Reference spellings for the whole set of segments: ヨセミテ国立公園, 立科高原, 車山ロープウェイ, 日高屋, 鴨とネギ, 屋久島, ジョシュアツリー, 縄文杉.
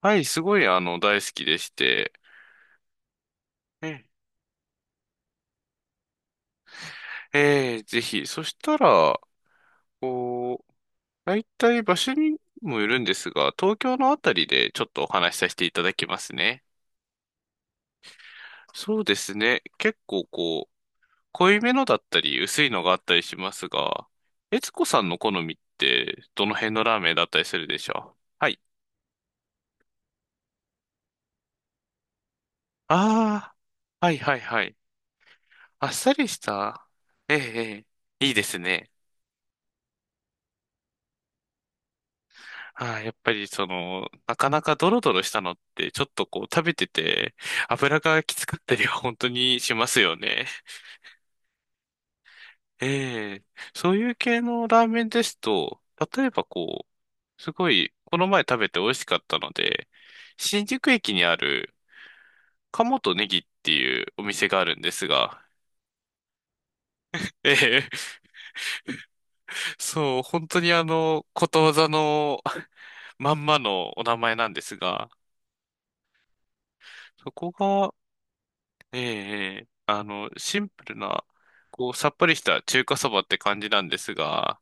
はい、すごい、大好きでして。ええ、ええぜひ。そしたら、こう、大体場所にもよるんですが、東京のあたりでちょっとお話しさせていただきますね。そうですね。結構濃いめのだったり、薄いのがあったりしますが、悦子さんの好みって、どの辺のラーメンだったりするでしょう？はい。ああ、はいはいはい。あっさりした。ええ、ええいいですね。はい、やっぱりなかなかドロドロしたのって、ちょっと食べてて、油がきつかったりは本当にしますよね。ええ、そういう系のラーメンですと、例えばすごい、この前食べて美味しかったので、新宿駅にある、鴨とネギっていうお店があるんですが、ええ、そう、本当にことわざの まんまのお名前なんですが、そこが、ええ、ええ、シンプルな、さっぱりした中華そばって感じなんですが、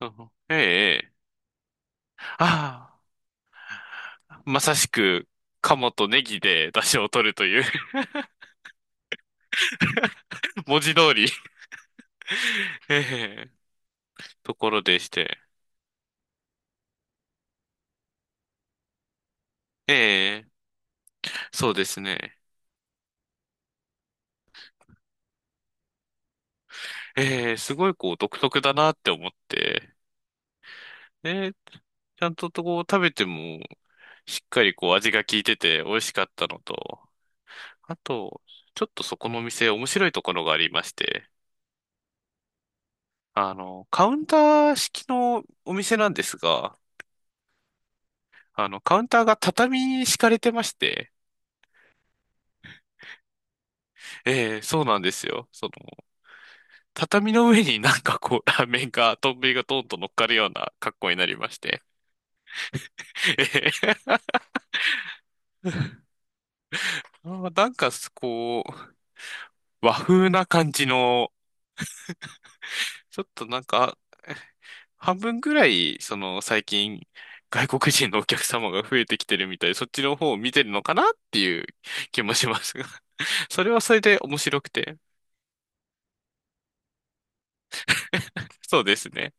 うん、ええ、ええ、ああ、まさしく、鴨とネギで出汁を取るという 文字通り ええ、ところでして。ええ、そうですね。ええ、すごい独特だなって思って、ええ、ちゃんと食べても、しっかり味が効いてて美味しかったのと、あと、ちょっとそこのお店面白いところがありまして、カウンター式のお店なんですが、カウンターが畳に敷かれてまして、ええ、そうなんですよ。その、畳の上になんかラーメンが、丼がトンと乗っかるような格好になりまして、ええ、あ、なんかすこう、和風な感じの、ちょっとなんか、半分ぐらい、最近、外国人のお客様が増えてきてるみたいで、そっちの方を見てるのかなっていう気もしますが、それはそれで面白くて。そうですね。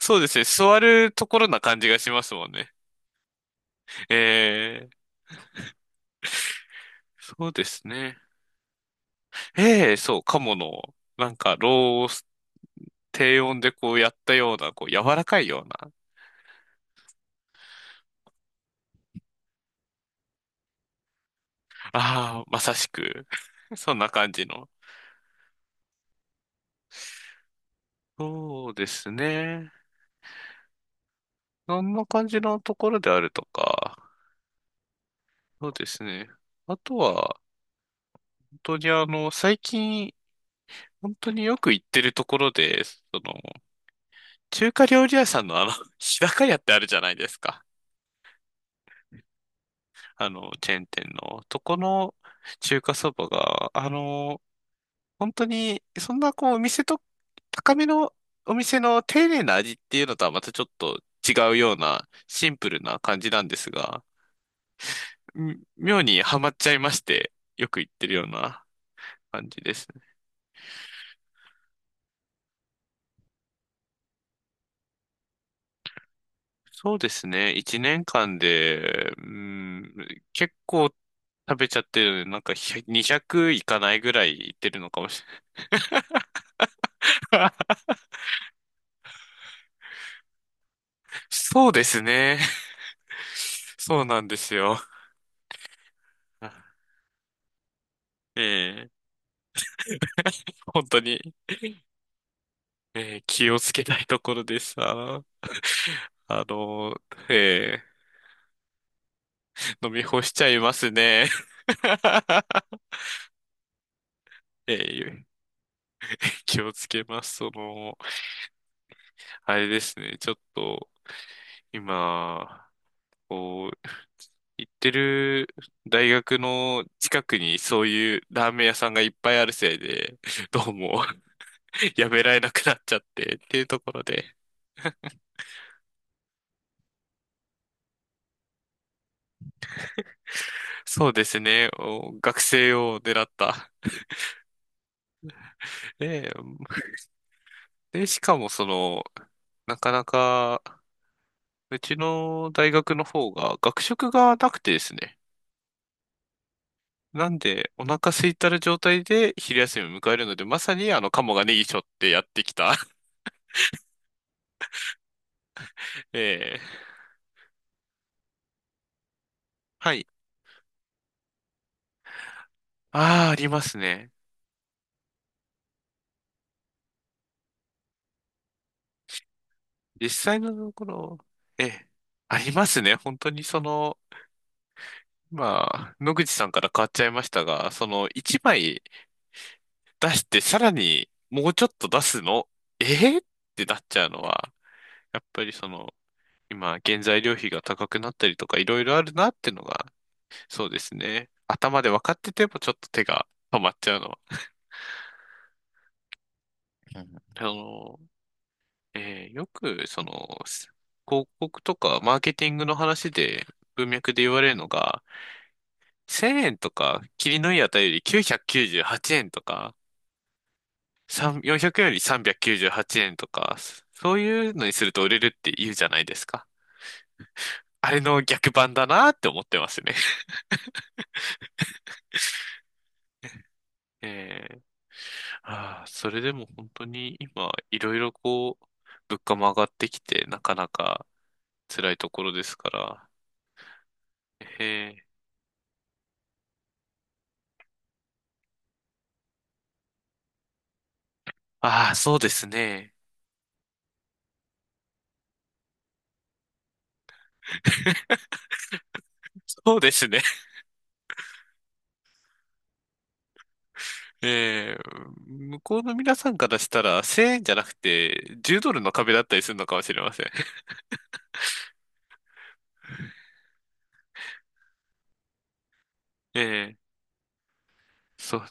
そうですね。座るところな感じがしますもんね。ええ、そうですね。ええ、そう、鴨の、なんか、ロース、低温でこうやったような、柔らかいような。ああ、まさしく、そんな感じの。そうですね。そんな感じのところであるとか。そうですね。あとは、本当に最近、本当によく行ってるところで、中華料理屋さんの日高屋ってあるじゃないですか。チェーン店の、とこの中華そばが、本当に、そんなお店と、高めのお店の丁寧な味っていうのとはまたちょっと違うような、シンプルな感じなんですが、妙にハマっちゃいまして、よく行ってるような感じですね。そうですね、一年間で、うん、結構食べちゃってるので、なんか100 200いかないぐらい行ってるのかもしれない。そうですね。そうなんですよ。ええ、本当に、ええ、気をつけたいところでさ、あの、ええ、飲み干しちゃいますね。ええ、気をつけます。あれですね、ちょっと、今、こう、行ってる大学の近くにそういうラーメン屋さんがいっぱいあるせいで、どうも やめられなくなっちゃってっていうところで、そうですね、お学生を狙った。ねえ、で、しかもなかなか、うちの大学の方が学食がなくてですね。なんで、お腹空いたる状態で昼休みを迎えるので、まさにカモがネギ背負ってやってきた。ええ、はい。ああ、ありますね。実際のところ、ええ、ありますね。本当にまあ、野口さんから変わっちゃいましたが、一枚出して、さらにもうちょっと出すの、ええってなっちゃうのは、やっぱり今、原材料費が高くなったりとか、いろいろあるなってのが、そうですね。頭で分かってても、ちょっと手が止まっちゃうのは。うん、よく、広告とかマーケティングの話で、文脈で言われるのが、1000円とか、切りのいい値より998円とか、3 400円より398円とか、そういうのにすると売れるって言うじゃないですか。あれの逆版だなって思ってますね。えーああ、それでも本当に今、いろいろ物価も上がってきて、なかなか辛いところですから。へえ。ああ、そうですね。そうですね。ええ、向こうの皆さんからしたら、1000円じゃなくて、10ドルの壁だったりするのかもしれません。ええ、そう。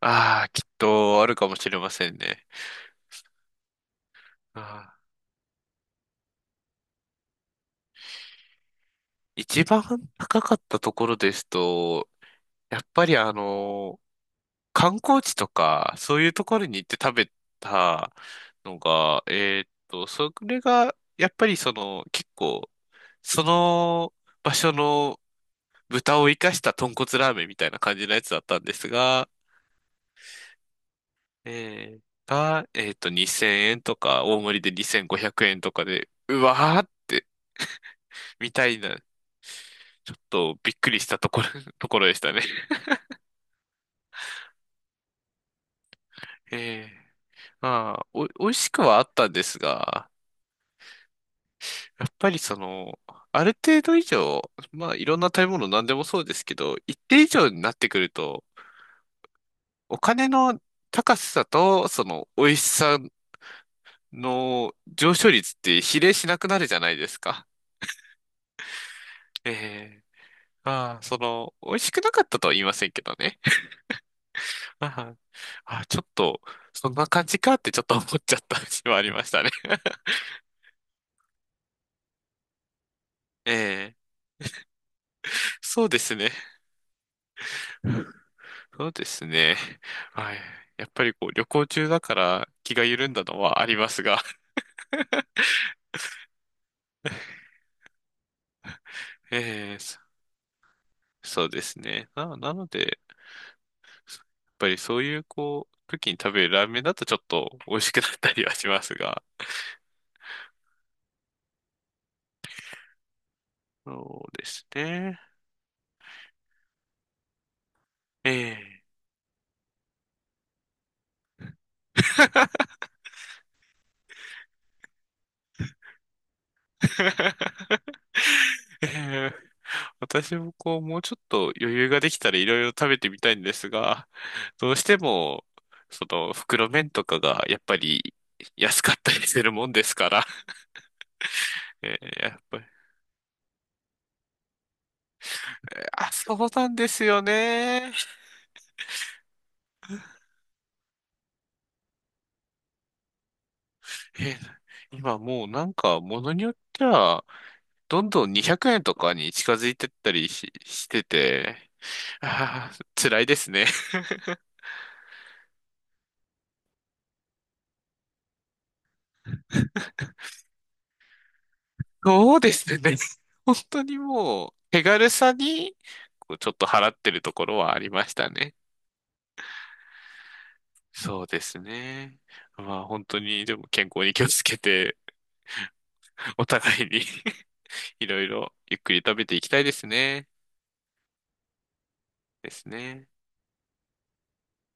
ああ、きっとあるかもしれませんね。ああ、一番高かったところですと、やっぱりあの観光地とか、そういうところに行って食べたのが、それが、やっぱり結構、その場所の豚を生かした豚骨ラーメンみたいな感じのやつだったんですが、2000円とか、大盛りで2500円とかで、うわーって、みたいな、ちょっとびっくりしたところ、ところでしたね。えーまあ、美味しくはあったんですが、やっぱりある程度以上、まあいろんな食べ物何でもそうですけど、一定以上になってくると、お金の高さとその美味しさの上昇率って比例しなくなるじゃないですか。ええ、まあ、美味しくなかったとは言いませんけどね。ああ、ちょっと、そんな感じかってちょっと思っちゃった節はありましたね。ええ、そうですね。そうですね。はい。やっぱりこう旅行中だから気が緩んだのはありますが、ええ、そうですね。なので、やっぱりそういう時に食べるラーメンだとちょっと美味しくなったりはしますが、そうですね。ええ ええ、私ももうちょっと余裕ができたらいろいろ食べてみたいんですが、どうしても、その袋麺とかがやっぱり安かったりするもんですから、やっぱり、あ、そうなんですよね。えー今もうなんか、ものによっては、どんどん200円とかに近づいてったりしてて、あー、辛いですね。そうですね。本当にもう、手軽さに、ちょっと払ってるところはありましたね。そうですね。まあ本当に、でも健康に気をつけて、お互いに いろいろゆっくり食べていきたいですね。ですね。